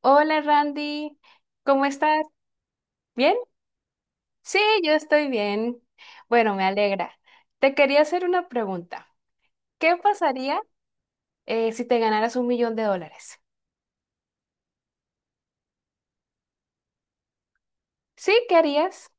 Hola Randy, ¿cómo estás? ¿Bien? Sí, yo estoy bien. Bueno, me alegra. Te quería hacer una pregunta. ¿Qué pasaría si te ganaras 1 millón de dólares? ¿Sí? ¿Qué harías?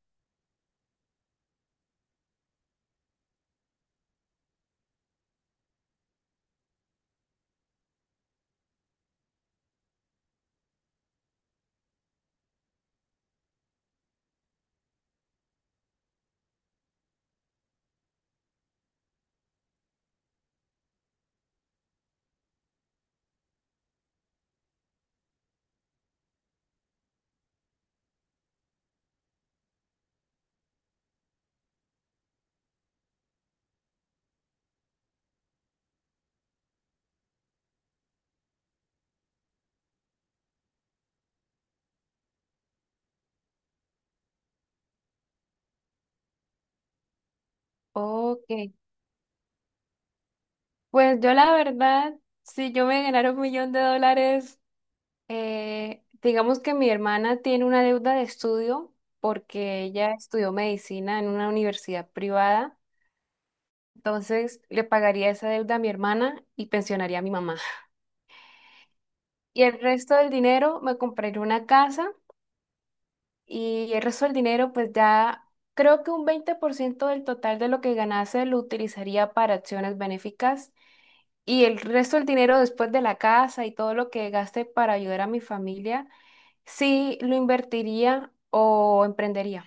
Ok. Pues yo la verdad, si yo me ganara 1 millón de dólares, digamos que mi hermana tiene una deuda de estudio porque ella estudió medicina en una universidad privada. Entonces le pagaría esa deuda a mi hermana y pensionaría a mi mamá. Y el resto del dinero me compraré una casa, y el resto del dinero pues ya creo que un 20% del total de lo que ganase lo utilizaría para acciones benéficas, y el resto del dinero, después de la casa y todo lo que gaste para ayudar a mi familia, sí lo invertiría o emprendería.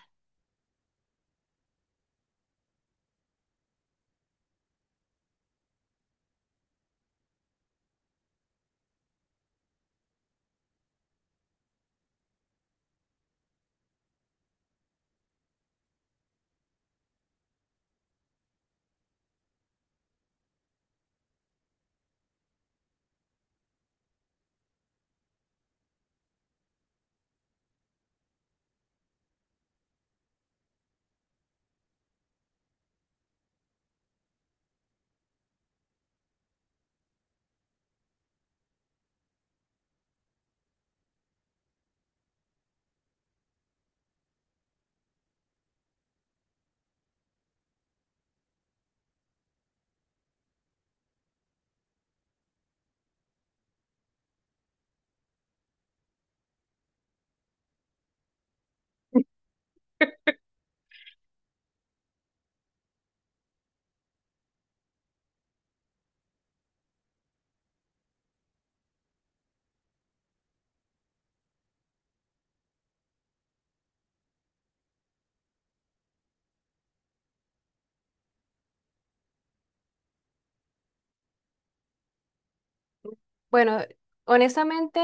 Bueno, honestamente,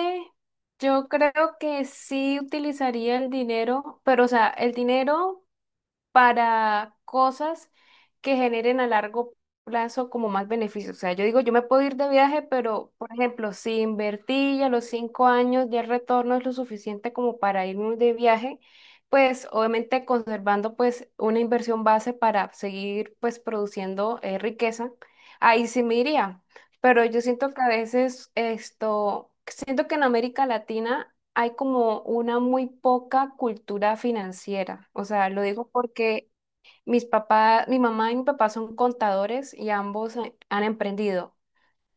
yo creo que sí utilizaría el dinero, pero o sea, el dinero para cosas que generen a largo plazo como más beneficios. O sea, yo digo, yo me puedo ir de viaje, pero, por ejemplo, si invertí y a los 5 años ya el retorno es lo suficiente como para irme de viaje, pues obviamente conservando pues una inversión base para seguir pues produciendo riqueza, ahí sí me iría. Pero yo siento que a veces esto, siento que en América Latina hay como una muy poca cultura financiera. O sea, lo digo porque mis papás, mi mamá y mi papá son contadores y ambos han emprendido.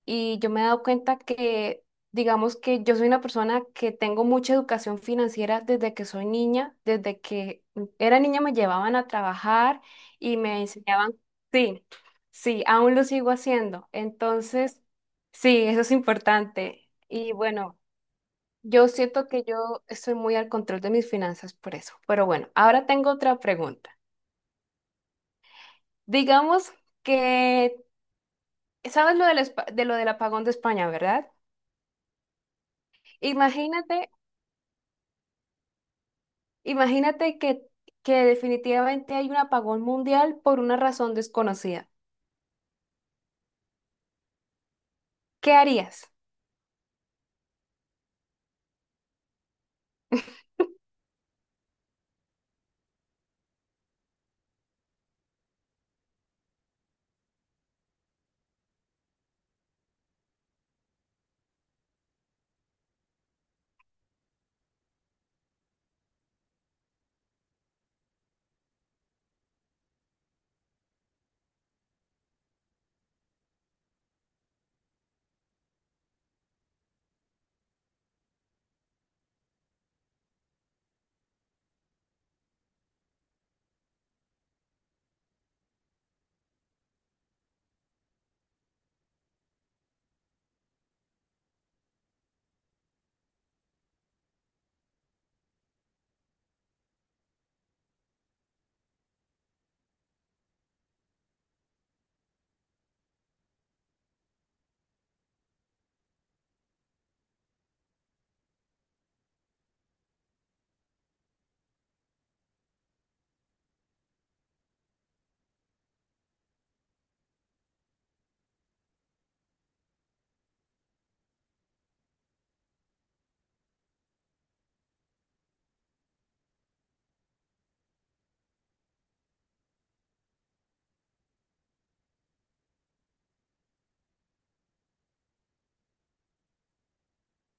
Y yo me he dado cuenta que, digamos que yo soy una persona que tengo mucha educación financiera desde que soy niña, desde que era niña me llevaban a trabajar y me enseñaban, sí, sí, aún lo sigo haciendo. Entonces, sí, eso es importante. Y bueno. Yo siento que yo estoy muy al control de mis finanzas por eso. Pero bueno, ahora tengo otra pregunta. Digamos que, ¿sabes de lo del apagón de España, verdad? Imagínate, imagínate que definitivamente hay un apagón mundial por una razón desconocida. ¿Qué harías?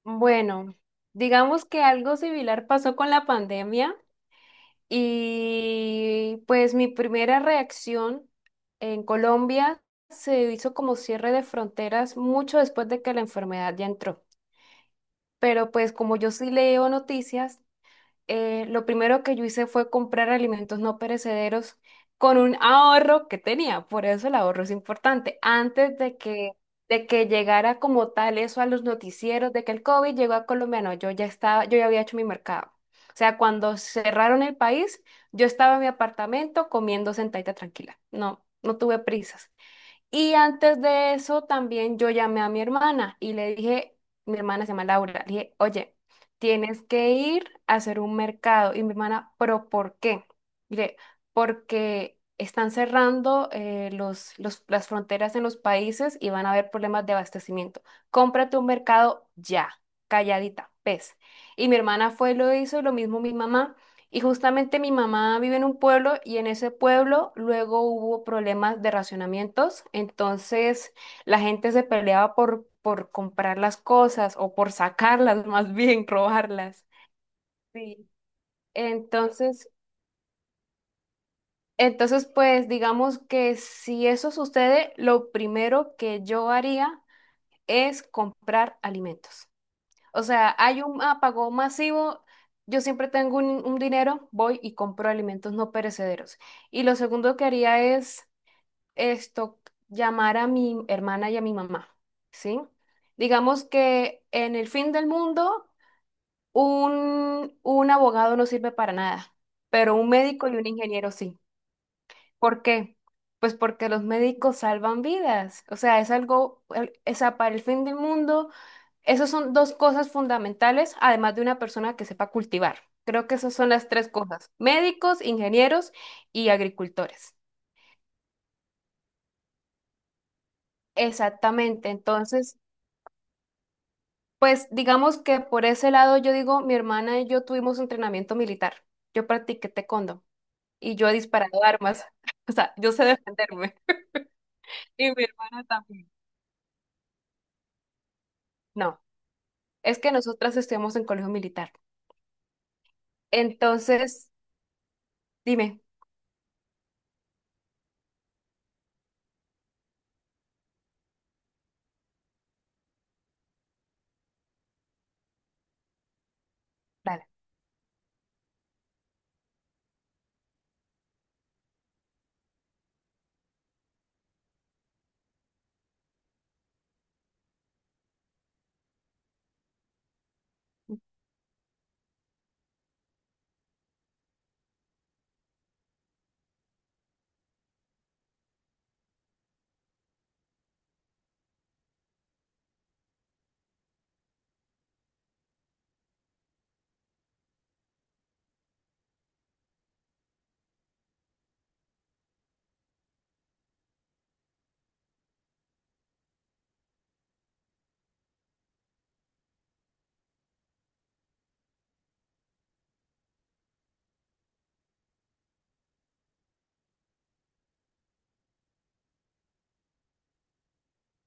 Bueno, digamos que algo similar pasó con la pandemia. Y pues mi primera reacción, en Colombia se hizo como cierre de fronteras mucho después de que la enfermedad ya entró. Pero pues como yo sí leo noticias, lo primero que yo hice fue comprar alimentos no perecederos con un ahorro que tenía. Por eso el ahorro es importante. Antes de que llegara como tal eso a los noticieros de que el COVID llegó a Colombia, no, yo ya había hecho mi mercado. O sea, cuando cerraron el país, yo estaba en mi apartamento comiendo sentadita tranquila. No, no tuve prisas. Y antes de eso también yo llamé a mi hermana y le dije, mi hermana se llama Laura, le dije, oye, tienes que ir a hacer un mercado. Y mi hermana, pero ¿por qué? Mire, porque están cerrando las fronteras en los países y van a haber problemas de abastecimiento. Cómprate un mercado ya, calladita, pez. Y mi hermana fue, lo hizo, y lo mismo mi mamá. Y justamente mi mamá vive en un pueblo y en ese pueblo luego hubo problemas de racionamientos, entonces la gente se peleaba por comprar las cosas o por sacarlas, más bien robarlas. Sí. Entonces, pues digamos que si eso sucede, lo primero que yo haría es comprar alimentos. O sea, hay un apagón masivo, yo siempre tengo un dinero, voy y compro alimentos no perecederos. Y lo segundo que haría es esto, llamar a mi hermana y a mi mamá, ¿sí? Digamos que en el fin del mundo, un abogado no sirve para nada, pero un médico y un ingeniero sí. ¿Por qué? Pues porque los médicos salvan vidas. O sea, es algo, o sea, para el fin del mundo. Esas son dos cosas fundamentales, además de una persona que sepa cultivar. Creo que esas son las tres cosas, médicos, ingenieros y agricultores. Exactamente. Entonces, pues digamos que por ese lado yo digo, mi hermana y yo tuvimos entrenamiento militar. Yo practiqué taekwondo y yo he disparado armas, o sea, yo sé defenderme y mi hermana también. No, es que nosotras estudiamos en colegio militar. Entonces, dime, dale.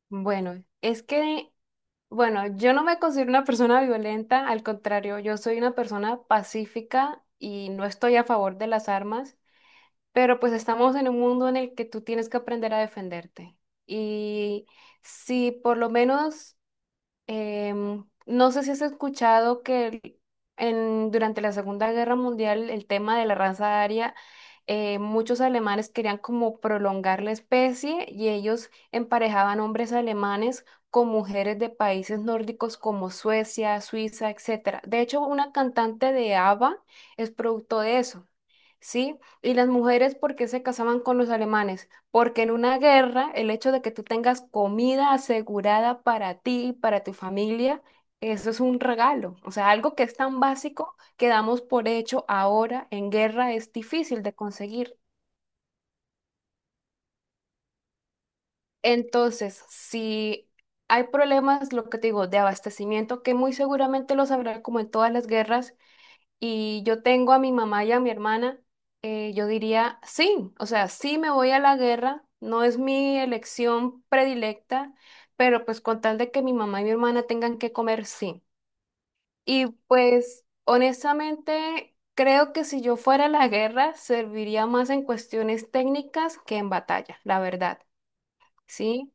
Bueno, es que Bueno, yo no me considero una persona violenta, al contrario, yo soy una persona pacífica y no estoy a favor de las armas, pero pues estamos en un mundo en el que tú tienes que aprender a defenderte. Y si por lo menos no sé si has escuchado que durante la Segunda Guerra Mundial el tema de la raza aria, muchos alemanes querían como prolongar la especie y ellos emparejaban hombres alemanes con mujeres de países nórdicos como Suecia, Suiza, etcétera. De hecho, una cantante de ABBA es producto de eso, ¿sí? Y las mujeres, ¿por qué se casaban con los alemanes? Porque en una guerra, el hecho de que tú tengas comida asegurada para ti, para tu familia, eso es un regalo. O sea, algo que es tan básico que damos por hecho ahora en guerra es difícil de conseguir. Entonces, si hay problemas, lo que te digo, de abastecimiento, que muy seguramente los habrá como en todas las guerras, y yo tengo a mi mamá y a mi hermana, yo diría sí, o sea, sí me voy a la guerra, no es mi elección predilecta, pero pues con tal de que mi mamá y mi hermana tengan que comer, sí. Y pues honestamente, creo que si yo fuera a la guerra, serviría más en cuestiones técnicas que en batalla, la verdad, ¿sí?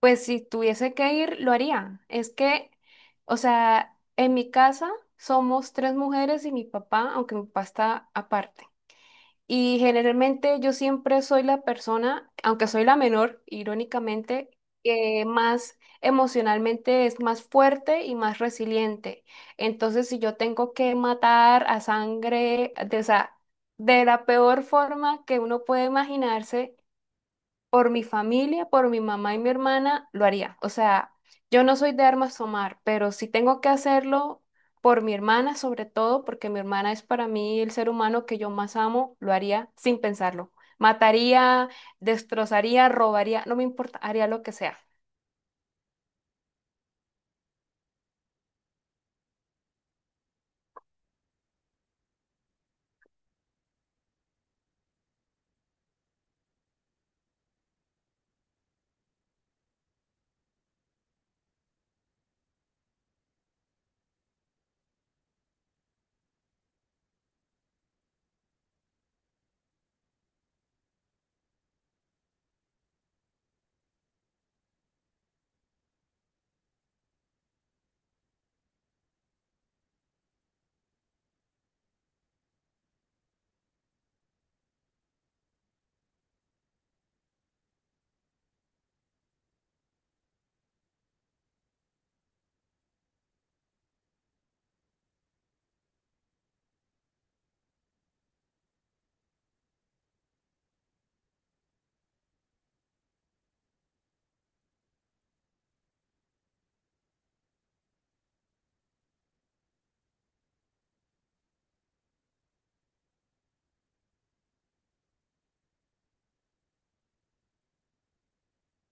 Pues si tuviese que ir, lo haría. Es que, o sea, en mi casa somos tres mujeres y mi papá, aunque mi papá está aparte. Y generalmente yo siempre soy la persona, aunque soy la menor, irónicamente, que más emocionalmente es más fuerte y más resiliente. Entonces, si yo tengo que matar a sangre, de, o sea, de la peor forma que uno puede imaginarse por mi familia, por mi mamá y mi hermana, lo haría. O sea, yo no soy de armas tomar, pero si tengo que hacerlo por mi hermana, sobre todo, porque mi hermana es para mí el ser humano que yo más amo, lo haría sin pensarlo. Mataría, destrozaría, robaría, no me importa, haría lo que sea.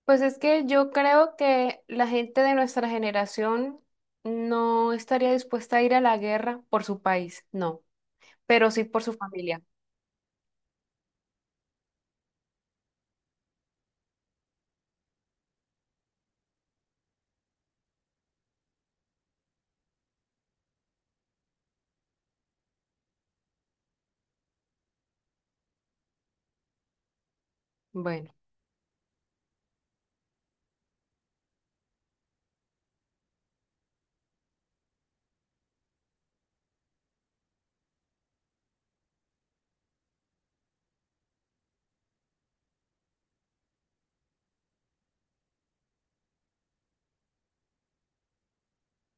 Pues es que yo creo que la gente de nuestra generación no estaría dispuesta a ir a la guerra por su país, no, pero sí por su familia. Bueno,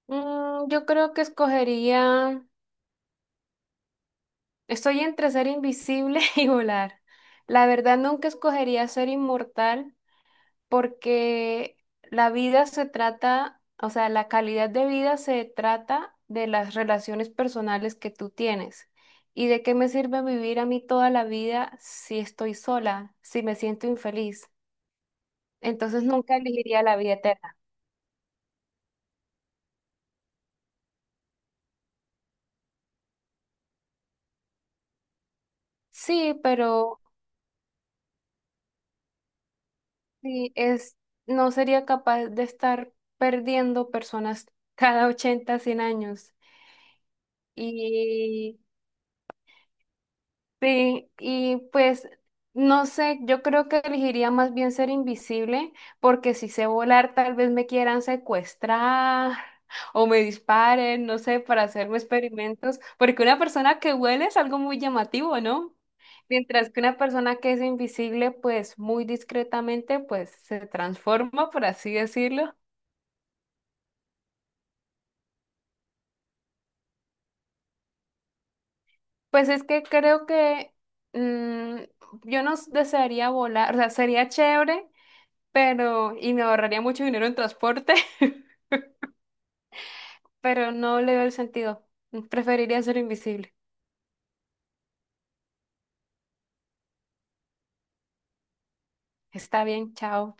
yo creo que escogería. Estoy entre ser invisible y volar. La verdad, nunca escogería ser inmortal porque la vida se trata, o sea, la calidad de vida se trata de las relaciones personales que tú tienes. ¿Y de qué me sirve vivir a mí toda la vida si estoy sola, si me siento infeliz? Entonces nunca elegiría la vida eterna. Sí, pero sí, es, no sería capaz de estar perdiendo personas cada 80, 100 años. Y sí, y pues no sé, yo creo que elegiría más bien ser invisible, porque si sé volar, tal vez me quieran secuestrar o me disparen, no sé, para hacerme experimentos, porque una persona que huele es algo muy llamativo, ¿no? Mientras que una persona que es invisible, pues muy discretamente, pues se transforma, por así decirlo. Pues es que creo que mm, yo no desearía volar, o sea, sería chévere pero, y me ahorraría mucho dinero en transporte, pero no le veo el sentido. Preferiría ser invisible. Está bien, chao.